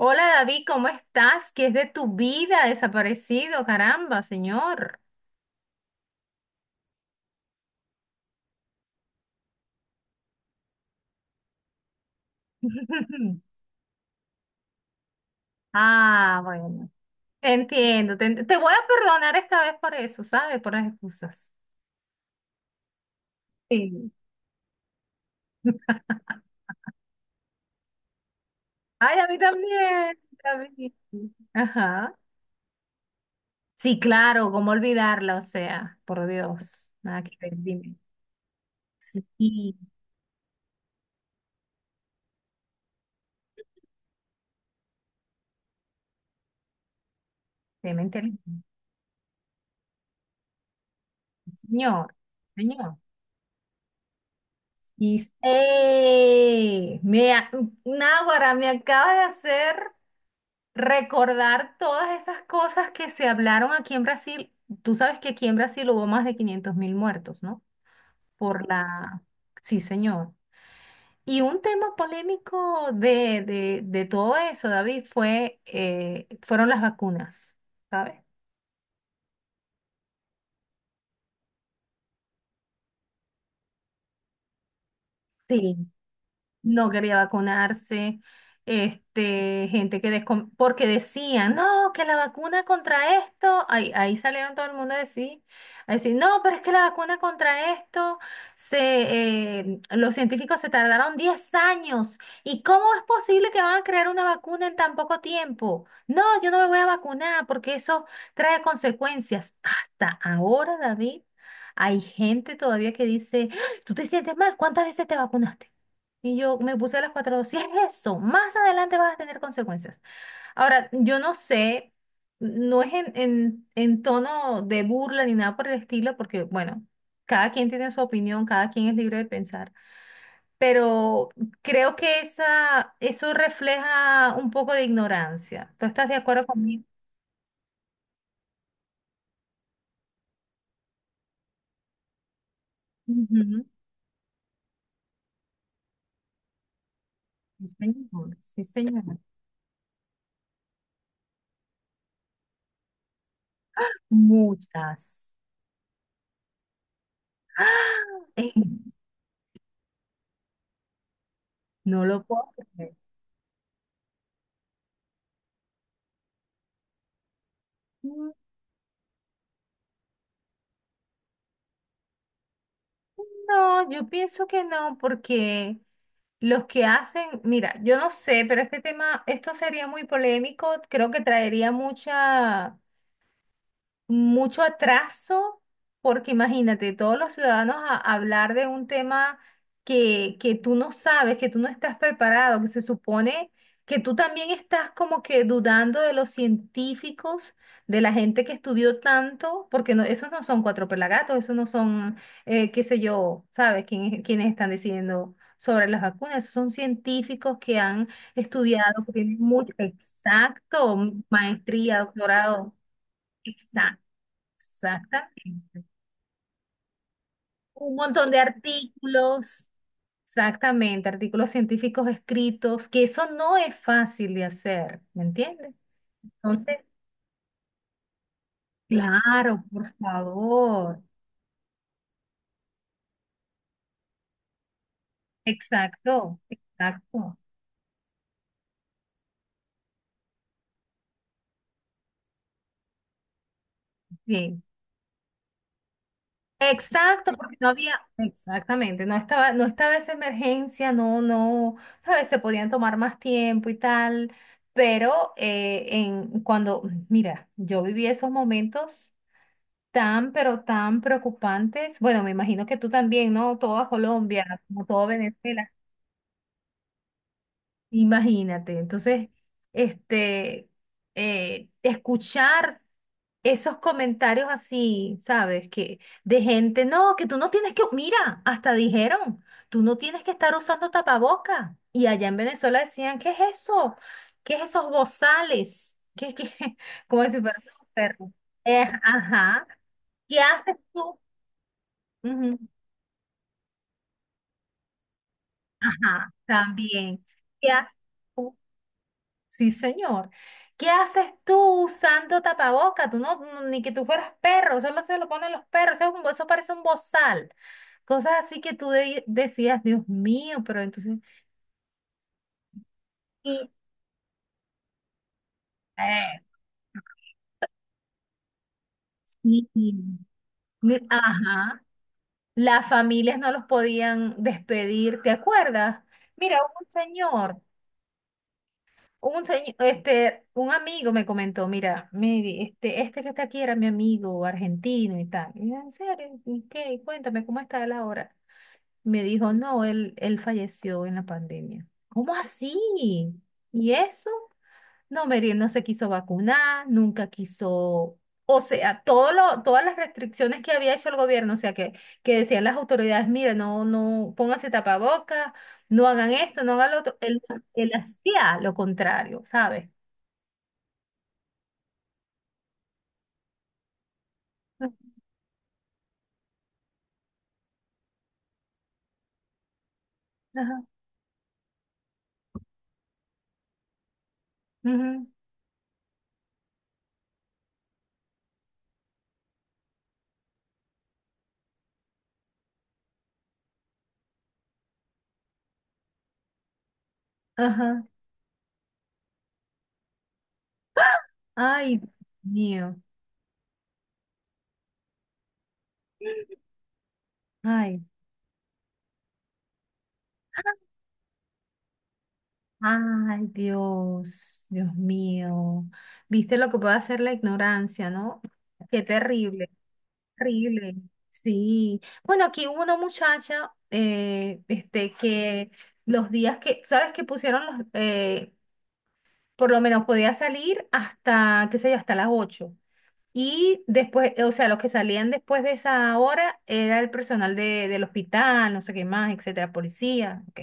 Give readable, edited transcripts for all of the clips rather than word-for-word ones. Hola David, ¿cómo estás? ¿Qué es de tu vida desaparecido? Caramba, señor. Ah, bueno. Entiendo. Te voy a perdonar esta vez por eso, ¿sabes? Por las excusas. Sí. Ay, a mí también, David. Ajá. Sí, claro, ¿cómo olvidarla? O sea, por Dios. Nada que ver, dime. Sí, tema inteligente. Señor, señor. ¡Ey! Náguara, me acaba de hacer recordar todas esas cosas que se hablaron aquí en Brasil. Tú sabes que aquí en Brasil hubo más de 500.000 muertos, ¿no? Por la... Sí, señor. Y un tema polémico de todo eso, David, fueron las vacunas, ¿sabes? Sí, no quería vacunarse, gente que porque decían, no, que la vacuna contra esto, ahí salieron todo el mundo a decir, no, pero es que la vacuna contra esto, se, los científicos se tardaron 10 años, ¿y cómo es posible que van a crear una vacuna en tan poco tiempo? No, yo no me voy a vacunar porque eso trae consecuencias. Hasta ahora, David, hay gente todavía que dice, ¿tú te sientes mal? ¿Cuántas veces te vacunaste? Y yo me puse las cuatro dos. Si es eso, más adelante vas a tener consecuencias. Ahora, yo no sé, no es en tono de burla ni nada por el estilo, porque, bueno, cada quien tiene su opinión, cada quien es libre de pensar, pero creo que eso refleja un poco de ignorancia. ¿Tú estás de acuerdo conmigo? Ujú. Sí, señor. Sí, señor. Muchas. ¡Ah! Eh, No lo puedo creer. Mm, No, yo pienso que no, porque los que hacen, mira, yo no sé, pero este tema, esto sería muy polémico, creo que traería mucha mucho atraso, porque imagínate, todos los ciudadanos a hablar de un tema que tú no sabes, que tú no estás preparado, que se supone que tú también estás como que dudando de los científicos, de la gente que estudió tanto, porque no, esos no son cuatro pelagatos, esos no son, qué sé yo, ¿sabes? Quién quienes están decidiendo sobre las vacunas, esos son científicos que han estudiado, que tienen mucho, exacto, maestría, doctorado. Exacto. Exactamente. Un montón de artículos, exactamente, artículos científicos escritos, que eso no es fácil de hacer, ¿me entiendes? Entonces, claro, por favor. Exacto, exacto. Sí, exacto, porque no había, exactamente, no estaba esa emergencia, no, no, sabes, se podían tomar más tiempo y tal, pero mira, yo viví esos momentos tan, pero tan preocupantes. Bueno, me imagino que tú también, ¿no? Toda Colombia, como todo Venezuela. Imagínate. Entonces, este, escuchar esos comentarios así, ¿sabes? Que de gente, no, que tú no tienes que, mira, hasta dijeron, tú no tienes que estar usando tapaboca. Y allá en Venezuela decían, ¿qué es eso? ¿Qué es esos bozales? ¿Qué, qué? Como si fueran unos perros. Ajá. ¿Qué haces tú? Ujú. Ajá, también. ¿Qué haces? Sí, señor. ¿Qué haces tú usando tapaboca? Tú no, ni que tú fueras perro, solo se lo ponen los perros, eso, eso parece un bozal. Cosas así que tú decías, Dios mío, pero entonces... Y, eh, sí, ajá, las familias no los podían despedir, ¿te acuerdas? Mira, hubo un señor. Un amigo me comentó, mira, Mary, este que está aquí era mi amigo argentino y tal. Y yo, en serio, y, ¿qué? Cuéntame, ¿cómo está él ahora? Me dijo, no, él falleció en la pandemia. ¿Cómo así? ¿Y eso? No, Meriel no se quiso vacunar, nunca quiso, o sea, todas las restricciones que había hecho el gobierno, o sea, que decían las autoridades, mire, no, no, pónganse tapabocas, no hagan esto, no hagan lo otro, él hacía lo contrario, ¿sabes? Ajá, ujú, ajá. Ay, Dios mío. Ay, ay, Dios, Dios mío. Viste lo que puede hacer la ignorancia, ¿no? Qué terrible. Horrible, sí. Bueno, aquí hubo una muchacha, que los días que, ¿sabes que pusieron los, por lo menos podía salir hasta, qué sé yo, hasta las ocho? Y después, o sea, los que salían después de esa hora era el personal del hospital, no sé qué más, etcétera, policía, ok.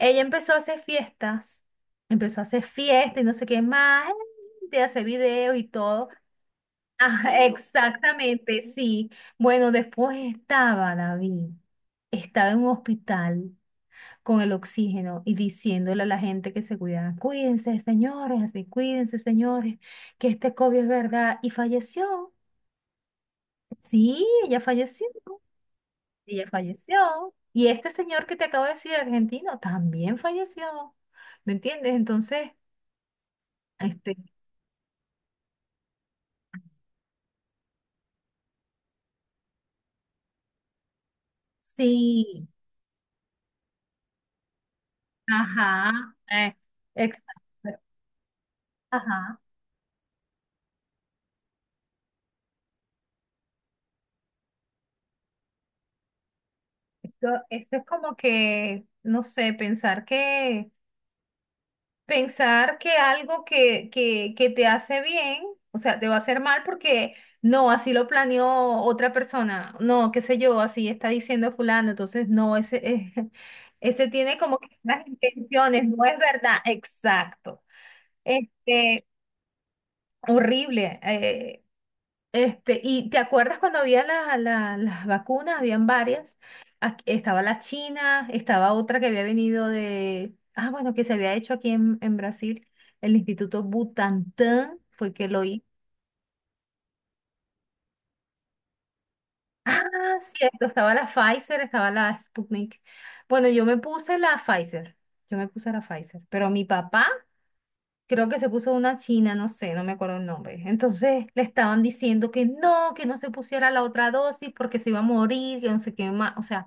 Ella empezó a hacer fiestas, empezó a hacer fiestas y no sé qué más, de hacer videos y todo. Ajá, exactamente, sí. Bueno, después estaba David, estaba en un hospital con el oxígeno y diciéndole a la gente que se cuidara, cuídense, señores, así, cuídense, señores, que este COVID es verdad. Y falleció. Sí, ella falleció, ella falleció. Y este señor que te acabo de decir, argentino, también falleció. ¿Me entiendes? Entonces, este, sí, ajá, exacto, ajá. Eso es como que, no sé, pensar que algo que te hace bien, o sea, te va a hacer mal porque no, así lo planeó otra persona, no, qué sé yo, así está diciendo fulano, entonces no, ese, ese tiene como que unas intenciones, no es verdad, exacto. Este, horrible. Y te acuerdas cuando había las vacunas, habían varias. Estaba la China, estaba otra que había venido de, ah, bueno, que se había hecho aquí en Brasil, el Instituto Butantan fue que lo hizo. Ah, cierto, estaba la Pfizer, estaba la Sputnik. Bueno, yo me puse la Pfizer, yo me puse la Pfizer, pero mi papá creo que se puso una china, no sé, no me acuerdo el nombre. Entonces le estaban diciendo que no se pusiera la otra dosis porque se iba a morir, que no sé qué más. O sea,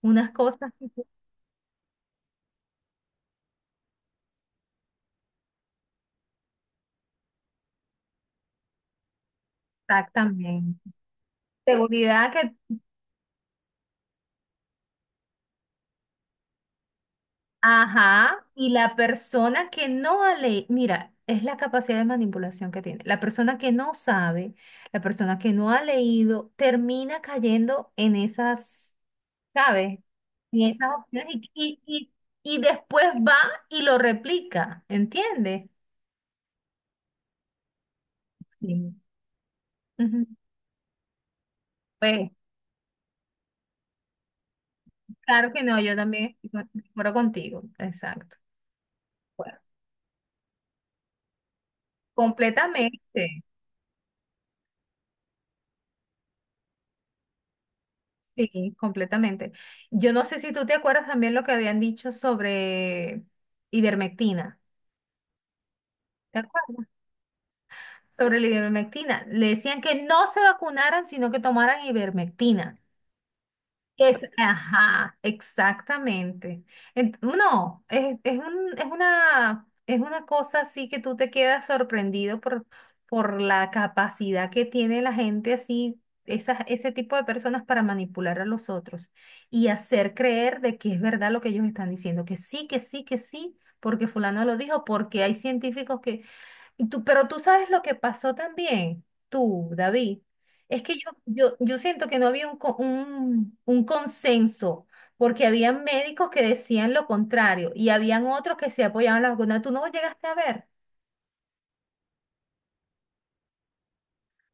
unas cosas que exactamente. Seguridad que, ajá, y la persona que no ha mira, es la capacidad de manipulación que tiene. La persona que no sabe, la persona que no ha leído, termina cayendo en esas. ¿Sabes? Y esas opciones y después va y lo replica, ¿entiendes? Sí. Ujú. Pues claro que no, yo también estoy de acuerdo contigo, exacto. Bueno, completamente, sí, completamente. Yo no sé si tú te acuerdas también lo que habían dicho sobre ivermectina, ¿te acuerdas? Sobre la ivermectina. Le decían que no se vacunaran, sino que tomaran ivermectina. Ajá, exactamente. No, es una cosa así que tú te quedas sorprendido por la capacidad que tiene la gente así, esas, ese tipo de personas para manipular a los otros y hacer creer de que es verdad lo que ellos están diciendo, que sí, que sí, que sí, porque fulano lo dijo, porque hay científicos pero tú sabes lo que pasó también, tú, David. Es que yo siento que no había un consenso, porque había médicos que decían lo contrario y habían otros que se apoyaban en la vacuna. Tú no llegaste a ver.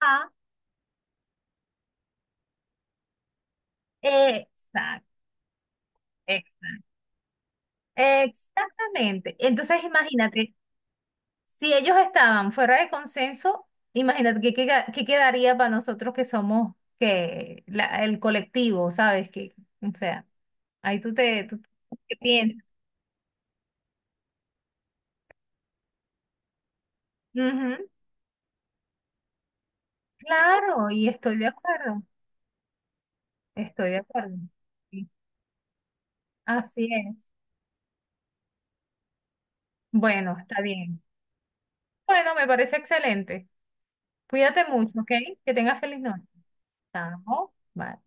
Ah, exacto. Exactamente. Entonces, imagínate, si ellos estaban fuera de consenso, imagínate qué quedaría para nosotros que somos el colectivo, ¿sabes? Que, o sea, ahí tú te tú- ¿qué piensas? Ujú. Claro, y estoy de acuerdo, estoy de acuerdo. Sí, así es. Bueno, está bien. Bueno, me parece excelente. Cuídate mucho, ¿ok? Que tengas feliz noche. Chao. Bye.